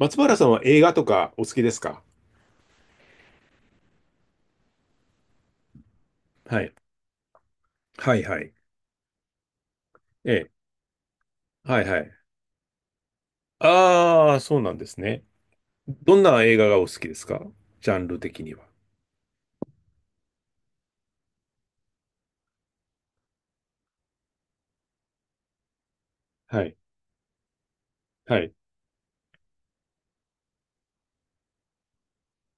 松原さんは映画とかお好きですか？はい。はいはい。ええ。はいはい。ああ、そうなんですね。どんな映画がお好きですか？ジャンル的には。はい。はい。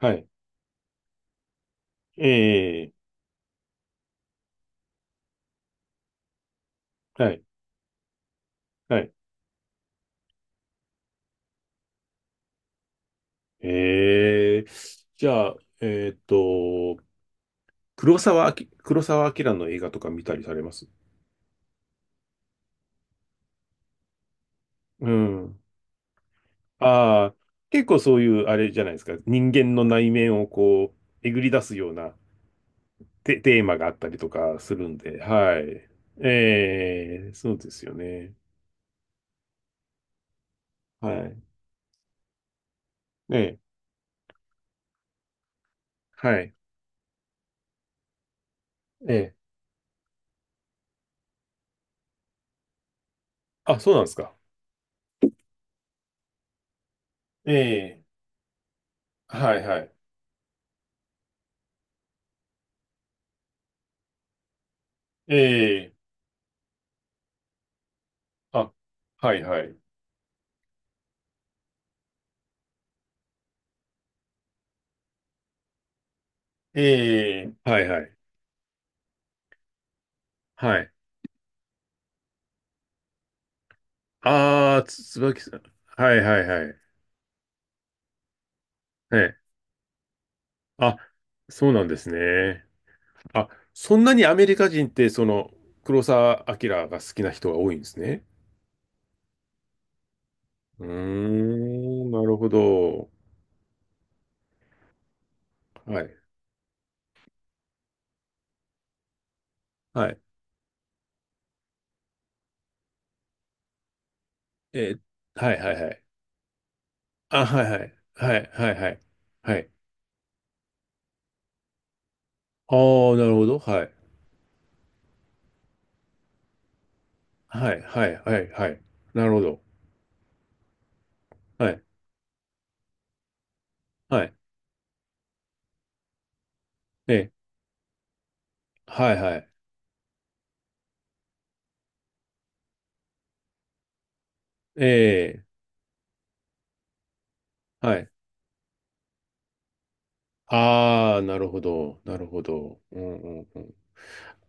はい。ええ。はい。はい。ええ。じゃあ、えーっと、黒沢明の映画とか見たりされます？うん。ああ、結構そういう、あれじゃないですか。人間の内面をこう、えぐり出すようなテーマがあったりとかするんで、はい。ええ、そうですよね。はい。ええ、はい。ええ。あ、そうなんですか。ええ、はいはい。ええ、あ、はいはい。ええ、はいはい。はい。ああ、つばきさん。はいはいはい。ええ。あ、そうなんですね。あ、そんなにアメリカ人って、その、黒澤明が好きな人が多いんですね。うーん、なるほど。はい。はいえーはいはいはい。あ、はいはい。はいはいはい。はい。ああ、なるほど。はい。はいはいはいはい。なるほど。はい。はい。えー、はいはい。えー、はい。ああ、なるほど。なるほどはいはいえはいはいえーはいああなるほどなるほどうんうんうん。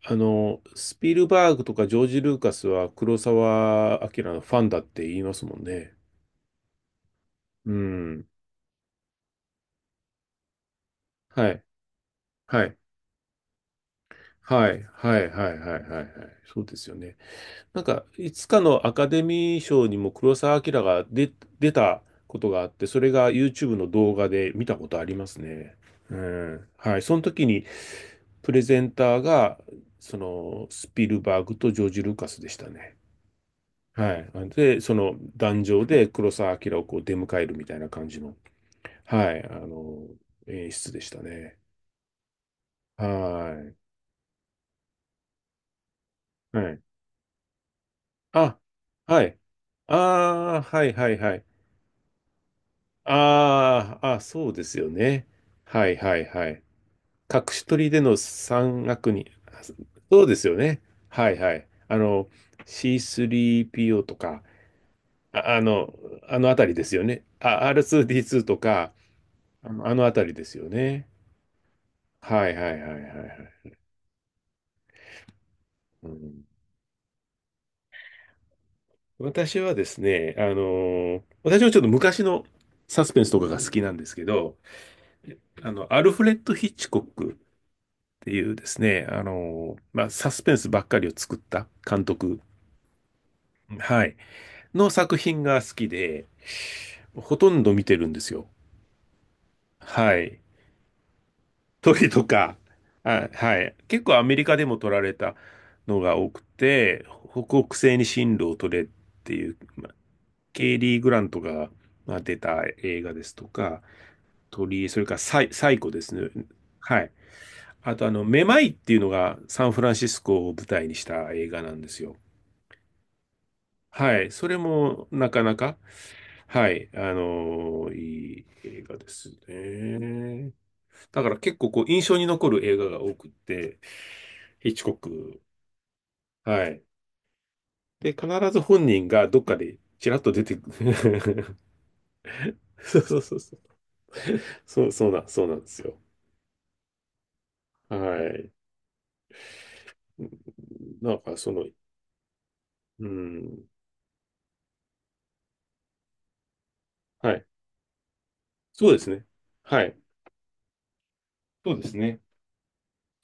あの、スピルバーグとかジョージ・ルーカスは黒澤明のファンだって言いますもんね。うん。はい。はい。はい。はい。はい。はい。はい。はいそうですよね。なんか、いつかのアカデミー賞にも黒澤明が出、出たことがあって、それが YouTube の動画で見たことありますね。うん。はい。その時に、プレゼンターが、その、スピルバーグとジョージ・ルーカスでしたね。はい。で、その、壇上で黒澤明をこう出迎えるみたいな感じの、はい、あの、演出でしたね。はい。はい。あ、はい。ああ、はい、はい、はい。ああ、あ、そうですよね。はいはいはい。隠し撮りでの山岳に、あそうですよね。はいはい。あの、C3PO とか、あ、あの、あのあたりですよね。あ、R2D2 とか、あの、あのあたりですよね。はいはいはいはいはい。うん、私はですね、私はちょっと昔のサスペンスとかが好きなんですけど、あの、アルフレッド・ヒッチコックっていうですね、あの、まあ、サスペンスばっかりを作った監督、はい、の作品が好きで、ほとんど見てるんですよ。はい。トリとか、あ、はい。結構アメリカでも撮られたのが多くて、北北西に進路を取れっていう、まあケイリー・グラントがまあ出た映画ですとか、鳥それからサイコですね。はい。あと、あの、めまいっていうのがサンフランシスコを舞台にした映画なんですよ。はい。それもなかなか、はい。いい映画ですね。だから結構こう印象に残る映画が多くって、ヒッチコック。はい。で、必ず本人がどっかでちらっと出てくる。そうそうそうそう。そう、そうなんですよ。はい。なんかその、うん。はい。そうですね。はい。そうですね。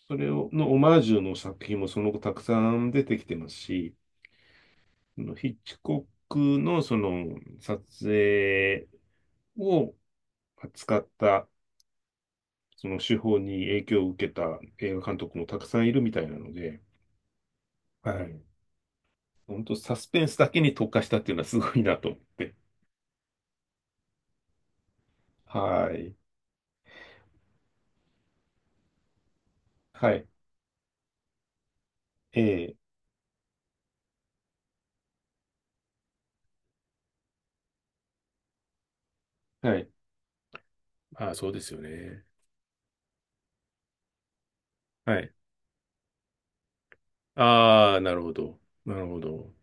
それを、のオマージュの作品もその後たくさん出てきてますし、そのヒッチコックのその撮影を扱ったその手法に影響を受けた映画監督もたくさんいるみたいなので、はい。本当サスペンスだけに特化したっていうのはすごいなと思って。はい。はい。ええ。はい。ああ、そうですよね。はい。ああ、なるほど。なるほど。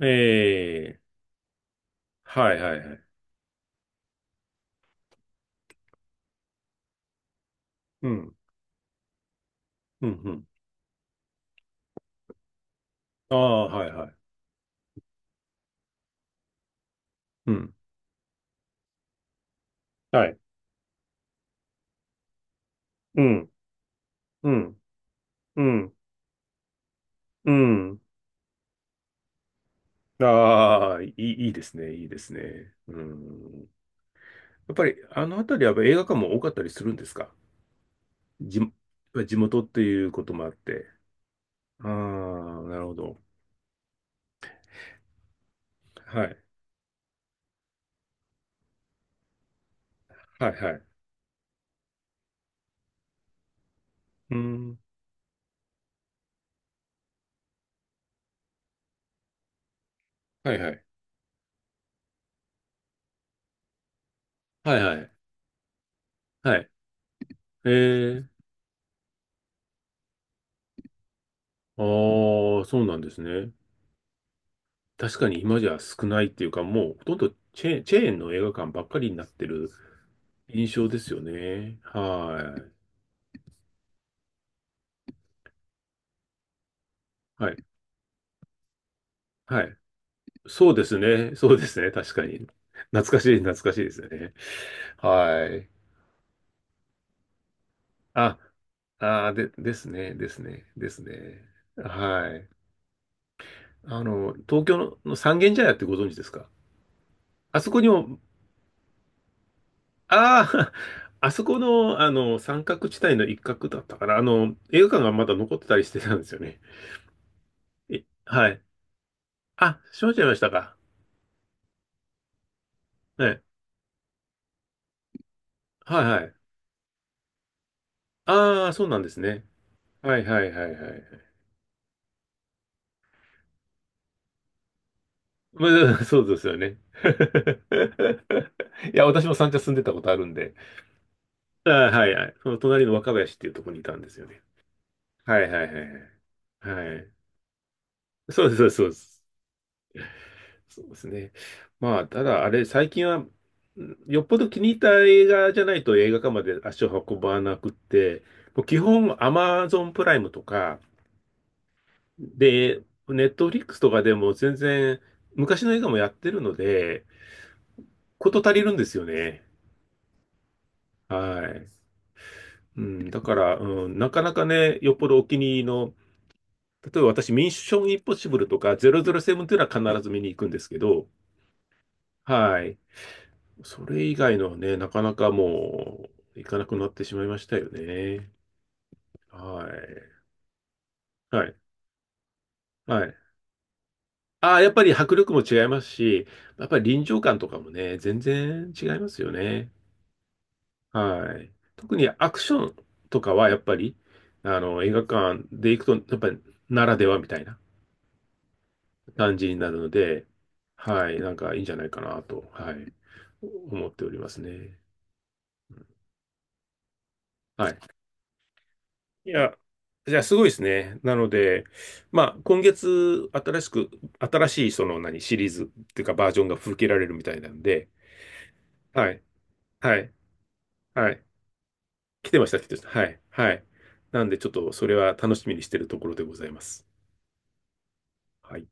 ええ。はいはいはい。うん。うんうん。ああ、はいはい。うん。はい。うん。うん。うん。うん。ああ、いい、いいですね、いいですね。うん。やっぱり、あの辺りはやっぱ映画館も多かったりするんですか？地、地元っていうこともあって。ああ、なるほど。はい。はい、はい。うん。はい、はい。はい、はい。はい。ええ。ああ、そうなんですね。確かに今じゃ少ないっていうか、もうほとんどチェーンの映画館ばっかりになってる印象ですよね。はい。はい。はい。そうですね。そうですね。確かに。懐かしいですね。はい。あ、で、ですね。はい。あの、東京の三軒茶屋ってご存知ですか？あそこにも、ああ、あそこの、あの、三角地帯の一角だったから、あの、映画館がまだ残ってたりしてたんですよね。え、はい。あ、閉まっちゃいましたか。ね。はいはい。ああ、そうなんですね。はいはいはいはい。まあ、そうですよね。いや、私も三茶住んでたことあるんで。ああ、はいはい。その隣の若林っていうところにいたんですよね。はいはいはいはい。はい。そうです、そうです。そうですね。まあ、ただ、あれ、最近は、よっぽど気に入った映画じゃないと映画館まで足を運ばなくって、もう基本、アマゾンプライムとか、で、ネットフリックスとかでも全然、昔の映画もやってるので、こと足りるんですよね。はい。うん、だから、うん、なかなかね、よっぽどお気に入りの、例えば私、ミッションインポッシブルとか007というのは必ず見に行くんですけど、はい。それ以外のはね、なかなか行かなくなってしまいましたよね。はい。はい。はい。ああ、やっぱり迫力も違いますし、やっぱり臨場感とかもね、全然違いますよね。はい。特にアクションとかはやっぱり、あの、映画館で行くと、やっぱりならではみたいな。感じになるので、はい、なんかいいんじゃないかなと、はい、思っておりますね。はい。いや、じゃあすごいですね。なので、まあ、今月、新しい、その、何、シリーズっていうか、バージョンが吹けられるみたいなんで、はい、はい、はい。来てました、来てました。はい、はい。なんで、ちょっと、それは楽しみにしてるところでございます。はい。